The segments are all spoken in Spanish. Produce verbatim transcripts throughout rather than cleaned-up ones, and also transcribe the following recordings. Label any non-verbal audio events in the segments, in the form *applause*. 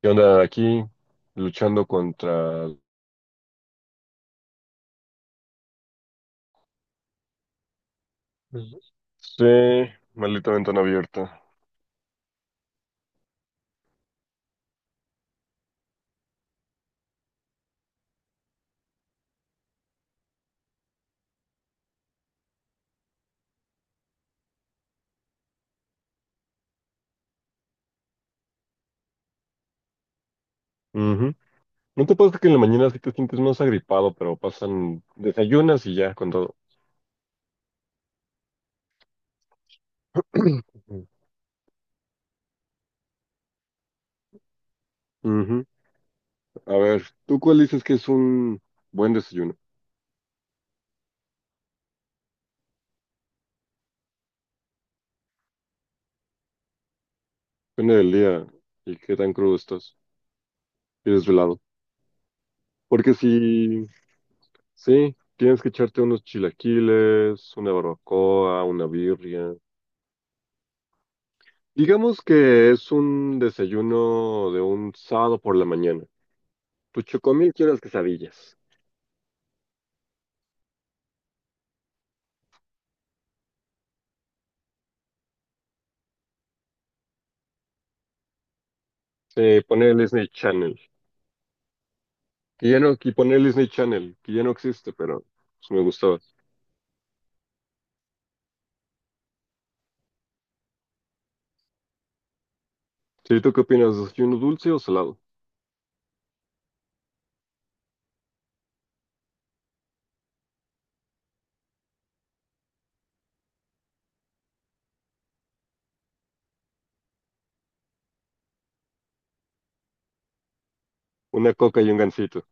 ¿Qué onda? Aquí luchando contra... Sí, maldita ventana abierta. Ujú. ¿No te pasa que en la mañana sí te sientes más agripado, pero pasan desayunas y ya con todo? Ujú. Ujú. A ver, ¿tú cuál dices que es un buen desayuno? Depende del día y qué tan crudo estás y desvelado. Porque si, sí, tienes que echarte unos chilaquiles, una barbacoa, una birria. Digamos que es un desayuno de un sábado por la mañana. Tu chocomil quiere las quesadillas. Eh, poner el Disney Channel. Que ya no, y poner el Disney Channel, que ya no existe, pero pues, me gustaba. Sí, ¿tú qué opinas? ¿Desayuno dulce o salado? Una coca y un gansito.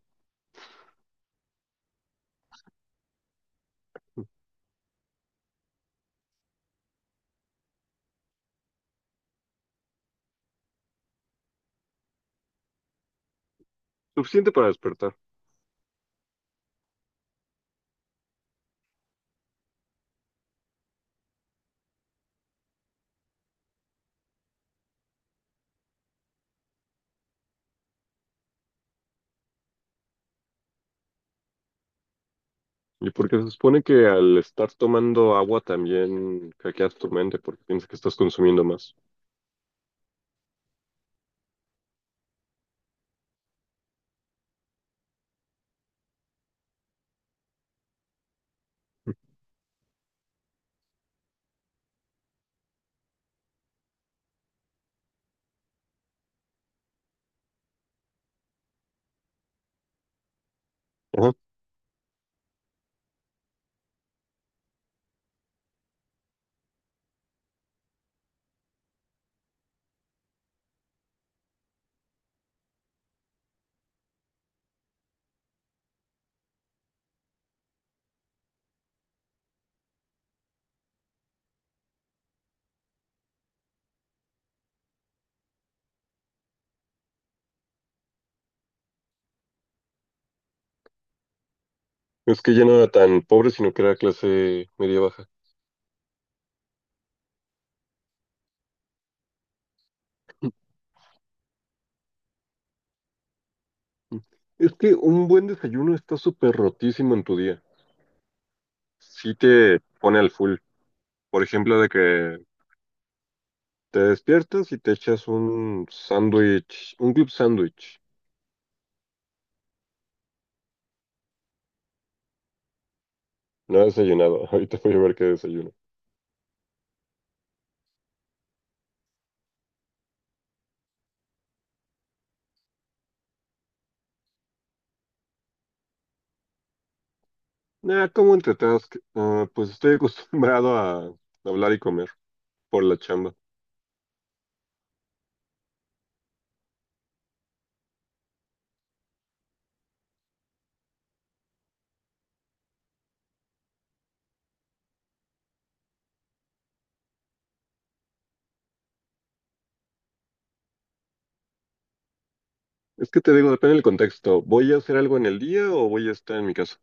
Suficiente para despertar. Y porque se supone que al estar tomando agua también hackeas tu mente porque piensas que estás consumiendo más. Ajá. Es que ya no era tan pobre, sino que era clase media baja. Es que un buen desayuno está súper rotísimo en tu día. Sí te pone al full. Por ejemplo, de que te despiertas y te echas un sándwich, un club sándwich. No he desayunado. *laughs* Ahorita voy a ver qué desayuno. Ah, ¿como entretask? Ah, pues estoy *laughs* acostumbrado a hablar y comer por la chamba. Es que te digo, depende del contexto. ¿Voy a hacer algo en el día o voy a estar en mi casa?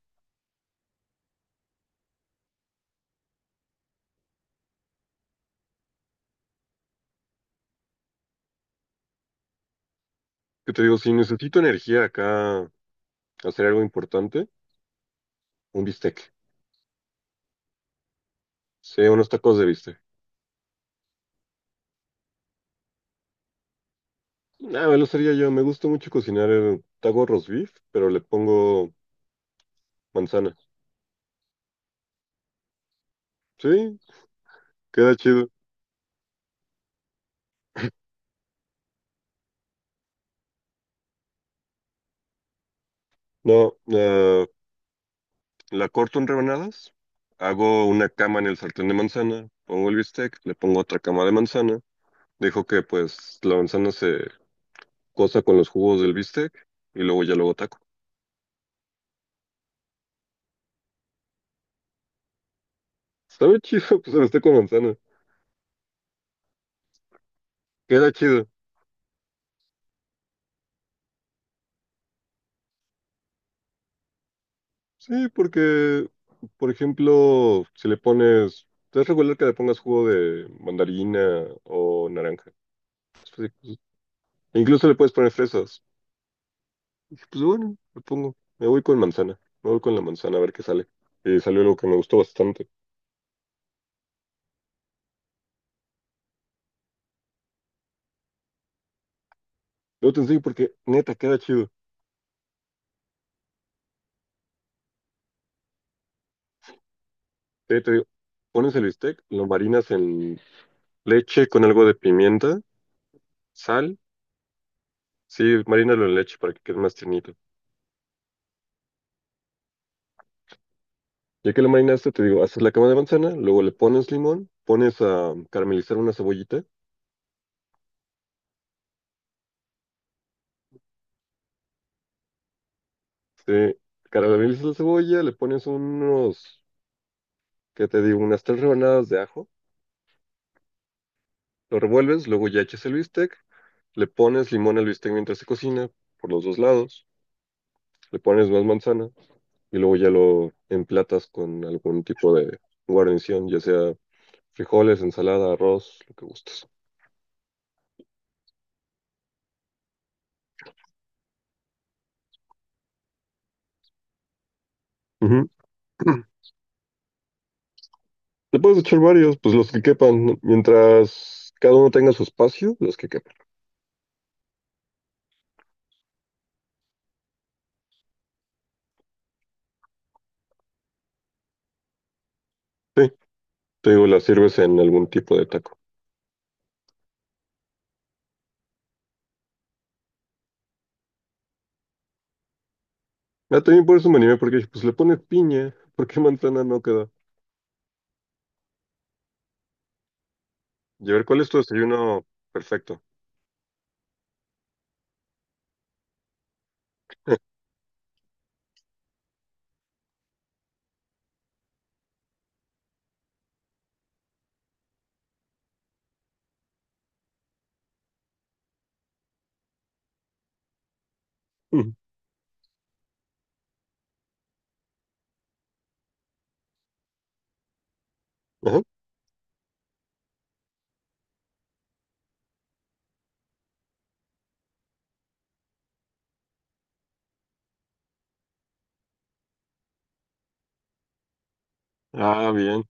Que te digo, si necesito energía acá, hacer algo importante, un bistec. Sí, unos tacos de bistec. Ah, me lo sería yo. Me gusta mucho cocinar el taco roast beef, pero le pongo manzana. Sí, queda chido. No, eh, la corto en rebanadas, hago una cama en el sartén de manzana, pongo el bistec, le pongo otra cama de manzana, dejo que pues la manzana se cosa con los jugos del bistec y luego ya luego taco. Sabe chido, *laughs* pues el bistec con manzana. Queda chido. Sí, porque, por ejemplo, si le pones... Es regular que le pongas jugo de mandarina o naranja. Después de- Incluso le puedes poner fresas. Dije, pues bueno, le pongo. Me voy con manzana. Me voy con la manzana a ver qué sale. Y salió algo que me gustó bastante. Luego te enseño porque, neta, queda chido. Eh, te digo, pones el bistec, lo marinas en leche con algo de pimienta, sal. Sí, marínalo en leche para que quede más tiernito. Ya que lo marinaste, te digo, haces la cama de manzana, luego le pones limón, pones a caramelizar una cebollita. Sí, caramelizas la cebolla, le pones unos, ¿qué te digo? Unas tres rebanadas de ajo. Lo revuelves, luego ya echas el bistec, le pones limón al bistec mientras se cocina, por los dos lados, le pones más manzana y luego ya lo emplatas con algún tipo de guarnición, ya sea frijoles, ensalada, arroz, lo que gustes. Ujú. *clears throat* Le puedes echar varios, pues los que quepan, ¿no? Mientras cada uno tenga su espacio, los que quepan. Sí, te digo, las sirves en algún tipo de taco. Ah, también por eso me animé, porque dije, pues le pones piña, *laughs* ¿por qué manzana no queda? Y a ver, ¿cuál es tu desayuno perfecto? Ujú. Ajá. Ah, bien.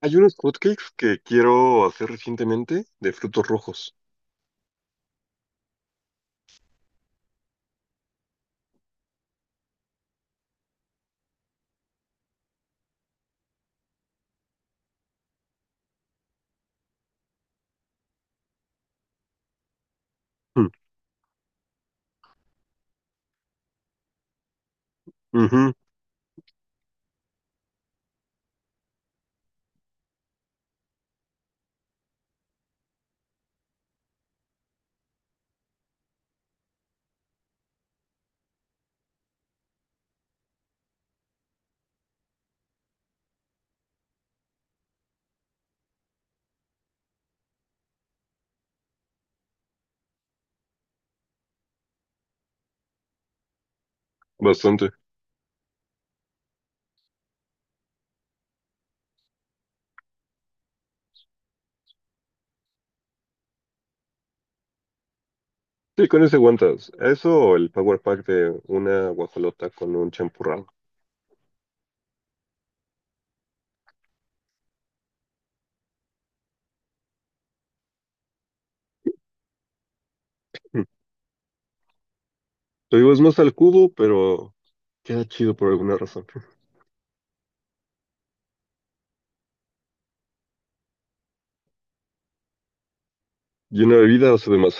Hay unos hotcakes que quiero hacer recientemente de frutos rojos. Mm, ujú, bastante. Sí, con ese aguantas. Eso o el power pack de una guajolota con un champurrado. Mm. Te digo, es más al cubo, pero queda chido por alguna razón. Y una bebida o sea, de masa.